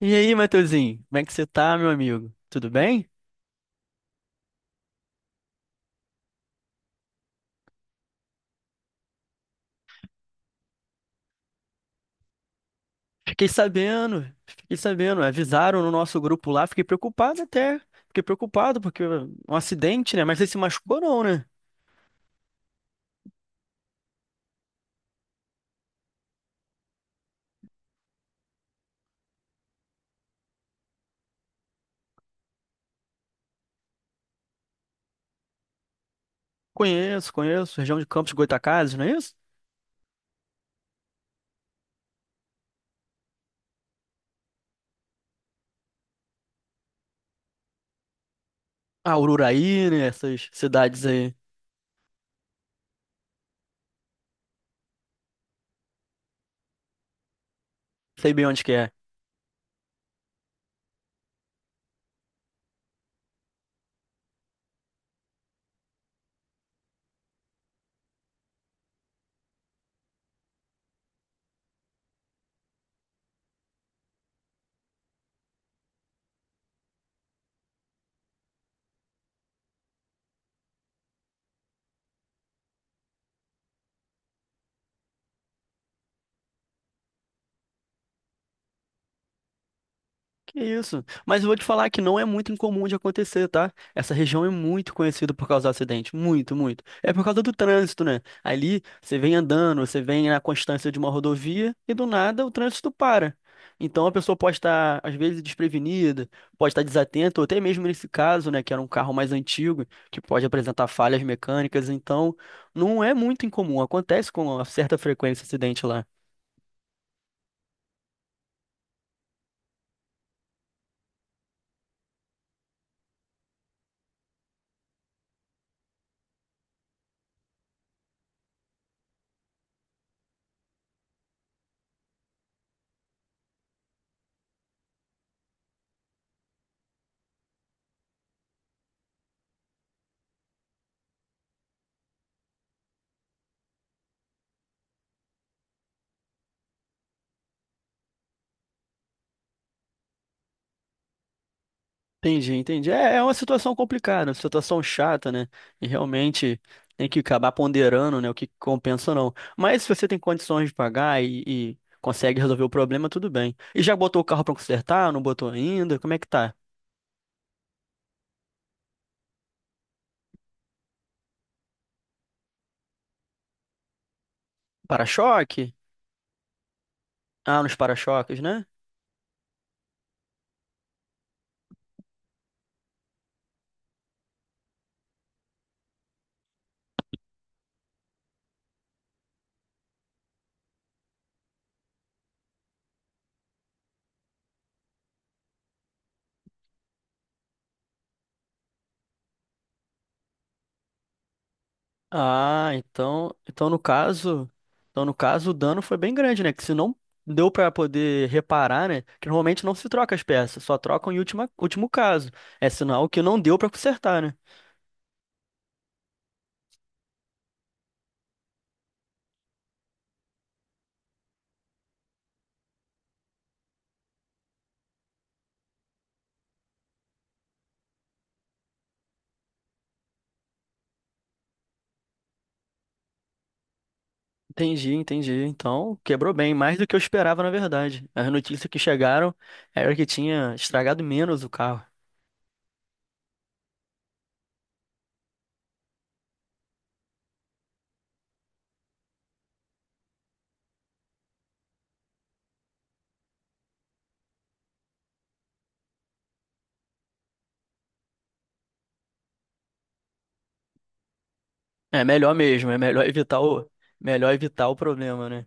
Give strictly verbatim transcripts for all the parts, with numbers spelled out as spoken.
E aí, Matheusinho, como é que você tá, meu amigo? Tudo bem? Fiquei sabendo, fiquei sabendo, avisaram no nosso grupo lá, fiquei preocupado até, fiquei preocupado porque um acidente, né? Mas você se machucou não, né? Conheço, conheço, região de Campos de Goytacazes, não é isso? Ah, Ururaí, né? Essas cidades aí, sei bem onde que é. Que isso? Mas eu vou te falar que não é muito incomum de acontecer, tá? Essa região é muito conhecida por causar acidente, muito, muito. É por causa do trânsito, né? Ali você vem andando, você vem na constância de uma rodovia e do nada o trânsito para. Então a pessoa pode estar, às vezes, desprevenida, pode estar desatenta, ou até mesmo nesse caso, né, que era um carro mais antigo, que pode apresentar falhas mecânicas. Então não é muito incomum, acontece com uma certa frequência acidente lá. Entendi, entendi. É, é uma situação complicada, uma situação chata, né? E realmente tem que acabar ponderando, né, o que compensa ou não. Mas se você tem condições de pagar e, e consegue resolver o problema, tudo bem. E já botou o carro pra consertar? Não botou ainda? Como é que tá? Para-choque? Ah, nos para-choques, né? Ah, então, então no caso, então no caso o dano foi bem grande, né? Que se não deu pra poder reparar, né? Que normalmente não se troca as peças, só trocam em última, último caso. É sinal que não deu pra consertar, né? Entendi, entendi. Então, quebrou bem, mais do que eu esperava, na verdade. As notícias que chegaram era que tinha estragado menos o carro. É melhor mesmo, é melhor evitar o, melhor evitar o problema, né?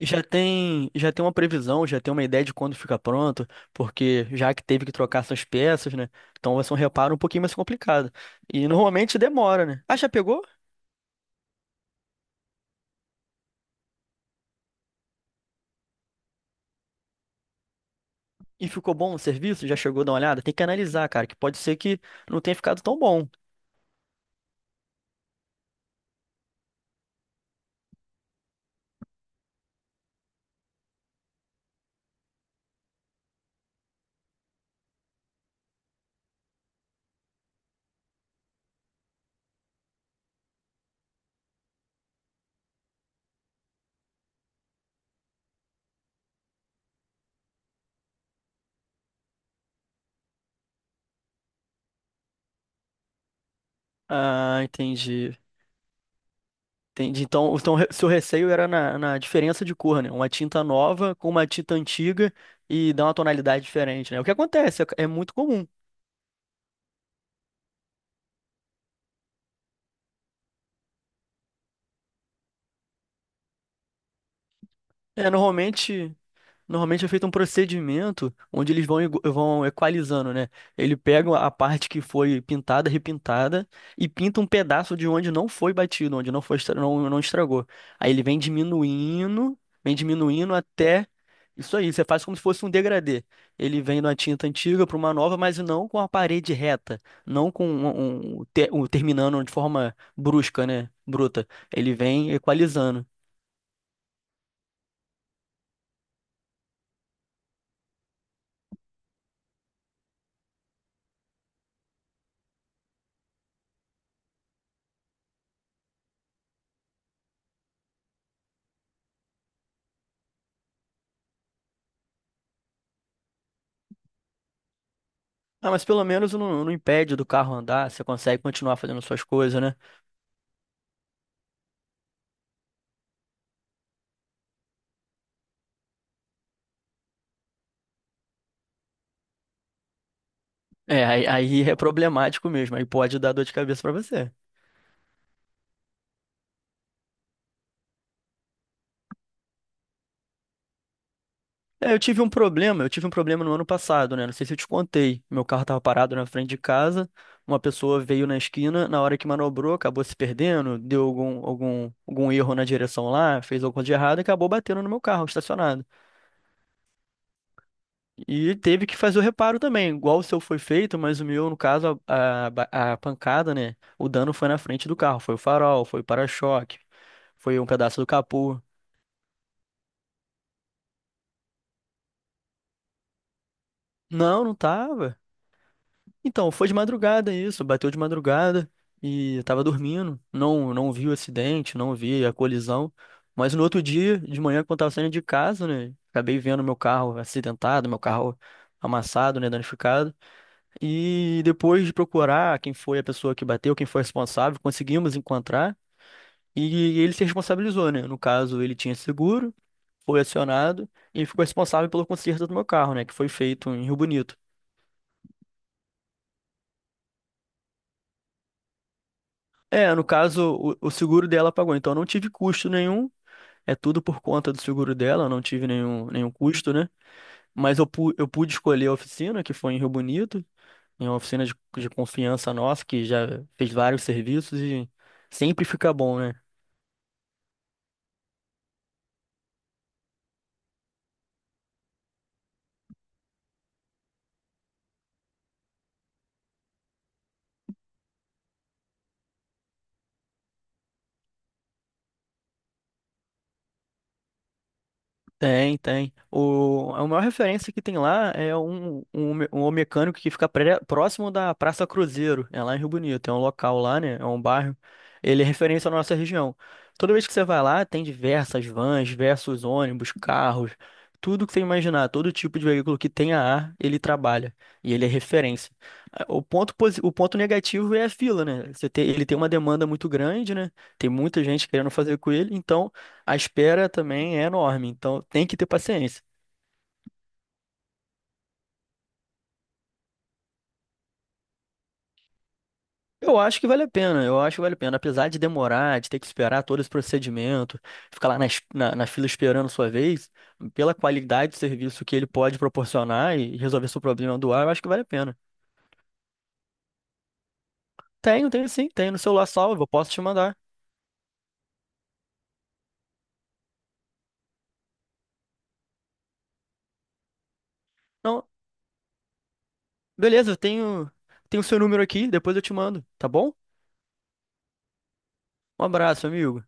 E já tem, já tem uma previsão, já tem uma ideia de quando fica pronto, porque já que teve que trocar essas peças, né? Então vai ser um reparo um pouquinho mais complicado. E normalmente demora, né? Ah, já pegou? E ficou bom o serviço? Já chegou a dar uma olhada? Tem que analisar, cara, que pode ser que não tenha ficado tão bom. Ah, entendi. Entendi. Então, então re- seu receio era na, na diferença de cor, né? Uma tinta nova com uma tinta antiga e dá uma tonalidade diferente, né? O que acontece, é, é muito comum. É, normalmente. Normalmente é feito um procedimento onde eles vão, igu- vão equalizando, né? Ele pega a parte que foi pintada, repintada, e pinta um pedaço de onde não foi batido, onde não foi, estra- não, não estragou. Aí ele vem diminuindo, vem diminuindo até. Isso aí, você faz como se fosse um degradê. Ele vem de uma tinta antiga para uma nova, mas não com a parede reta, não com um, um- um te- um terminando de forma brusca, né? Bruta. Ele vem equalizando. Ah, mas pelo menos não, não impede do carro andar, você consegue continuar fazendo suas coisas, né? É, aí, aí é problemático mesmo, aí pode dar dor de cabeça pra você. É, eu tive um problema, eu tive um problema no ano passado, né? Não sei se eu te contei. Meu carro tava parado na frente de casa, uma pessoa veio na esquina, na hora que manobrou, acabou se perdendo, deu algum, algum, algum erro na direção lá, fez alguma coisa de errado e acabou batendo no meu carro, estacionado. E ele teve que fazer o reparo também, igual o seu foi feito, mas o meu, no caso, a, a, ba- a pancada, né? O dano foi na frente do carro, foi o farol, foi o para-choque, foi um pedaço do capô. Não, não tava. Então, foi de madrugada isso, bateu de madrugada e eu tava dormindo. Não, não vi o acidente, não vi a colisão. Mas no outro dia, de manhã, quando tava saindo de casa, né? Acabei vendo meu carro acidentado, meu carro amassado, né? Danificado. E depois de procurar quem foi a pessoa que bateu, quem foi responsável, conseguimos encontrar e ele se responsabilizou, né? No caso, ele tinha seguro, foi acionado e ficou responsável pelo conserto do meu carro, né? Que foi feito em Rio Bonito. É, no caso, o, o seguro dela pagou, então eu não tive custo nenhum. É tudo por conta do seguro dela, eu não tive nenhum, nenhum custo, né? Mas eu, pu- eu pude escolher a oficina, que foi em Rio Bonito, em uma oficina de, de confiança nossa, que já fez vários serviços e sempre fica bom, né? Tem, tem. O, a maior referência que tem lá é um, um, me- um mecânico que fica pré- próximo da Praça Cruzeiro, é lá em Rio Bonito, é um local lá, né? É um bairro. Ele é referência na nossa região. Toda vez que você vai lá, tem diversas vans, diversos ônibus, carros, tudo que você imaginar, todo tipo de veículo que tenha ar, ele trabalha. E ele é referência. Ah, o ponto, posi- o ponto negativo é a fila, né? Você tem, ele tem uma demanda muito grande, né? Tem muita gente querendo fazer com ele, então. A espera também é enorme, então tem que ter paciência. Eu acho que vale a pena, eu acho que vale a pena. Apesar de demorar, de ter que esperar todo esse procedimento, ficar lá na, es- na, na fila esperando sua vez, pela qualidade do serviço que ele pode proporcionar e resolver seu problema do ar, eu acho que vale a pena. Tenho, tenho sim, tenho no celular salvo, eu posso te mandar. Não, beleza, eu tenho, tenho seu número aqui, depois eu te mando, tá bom? Um abraço, amigo.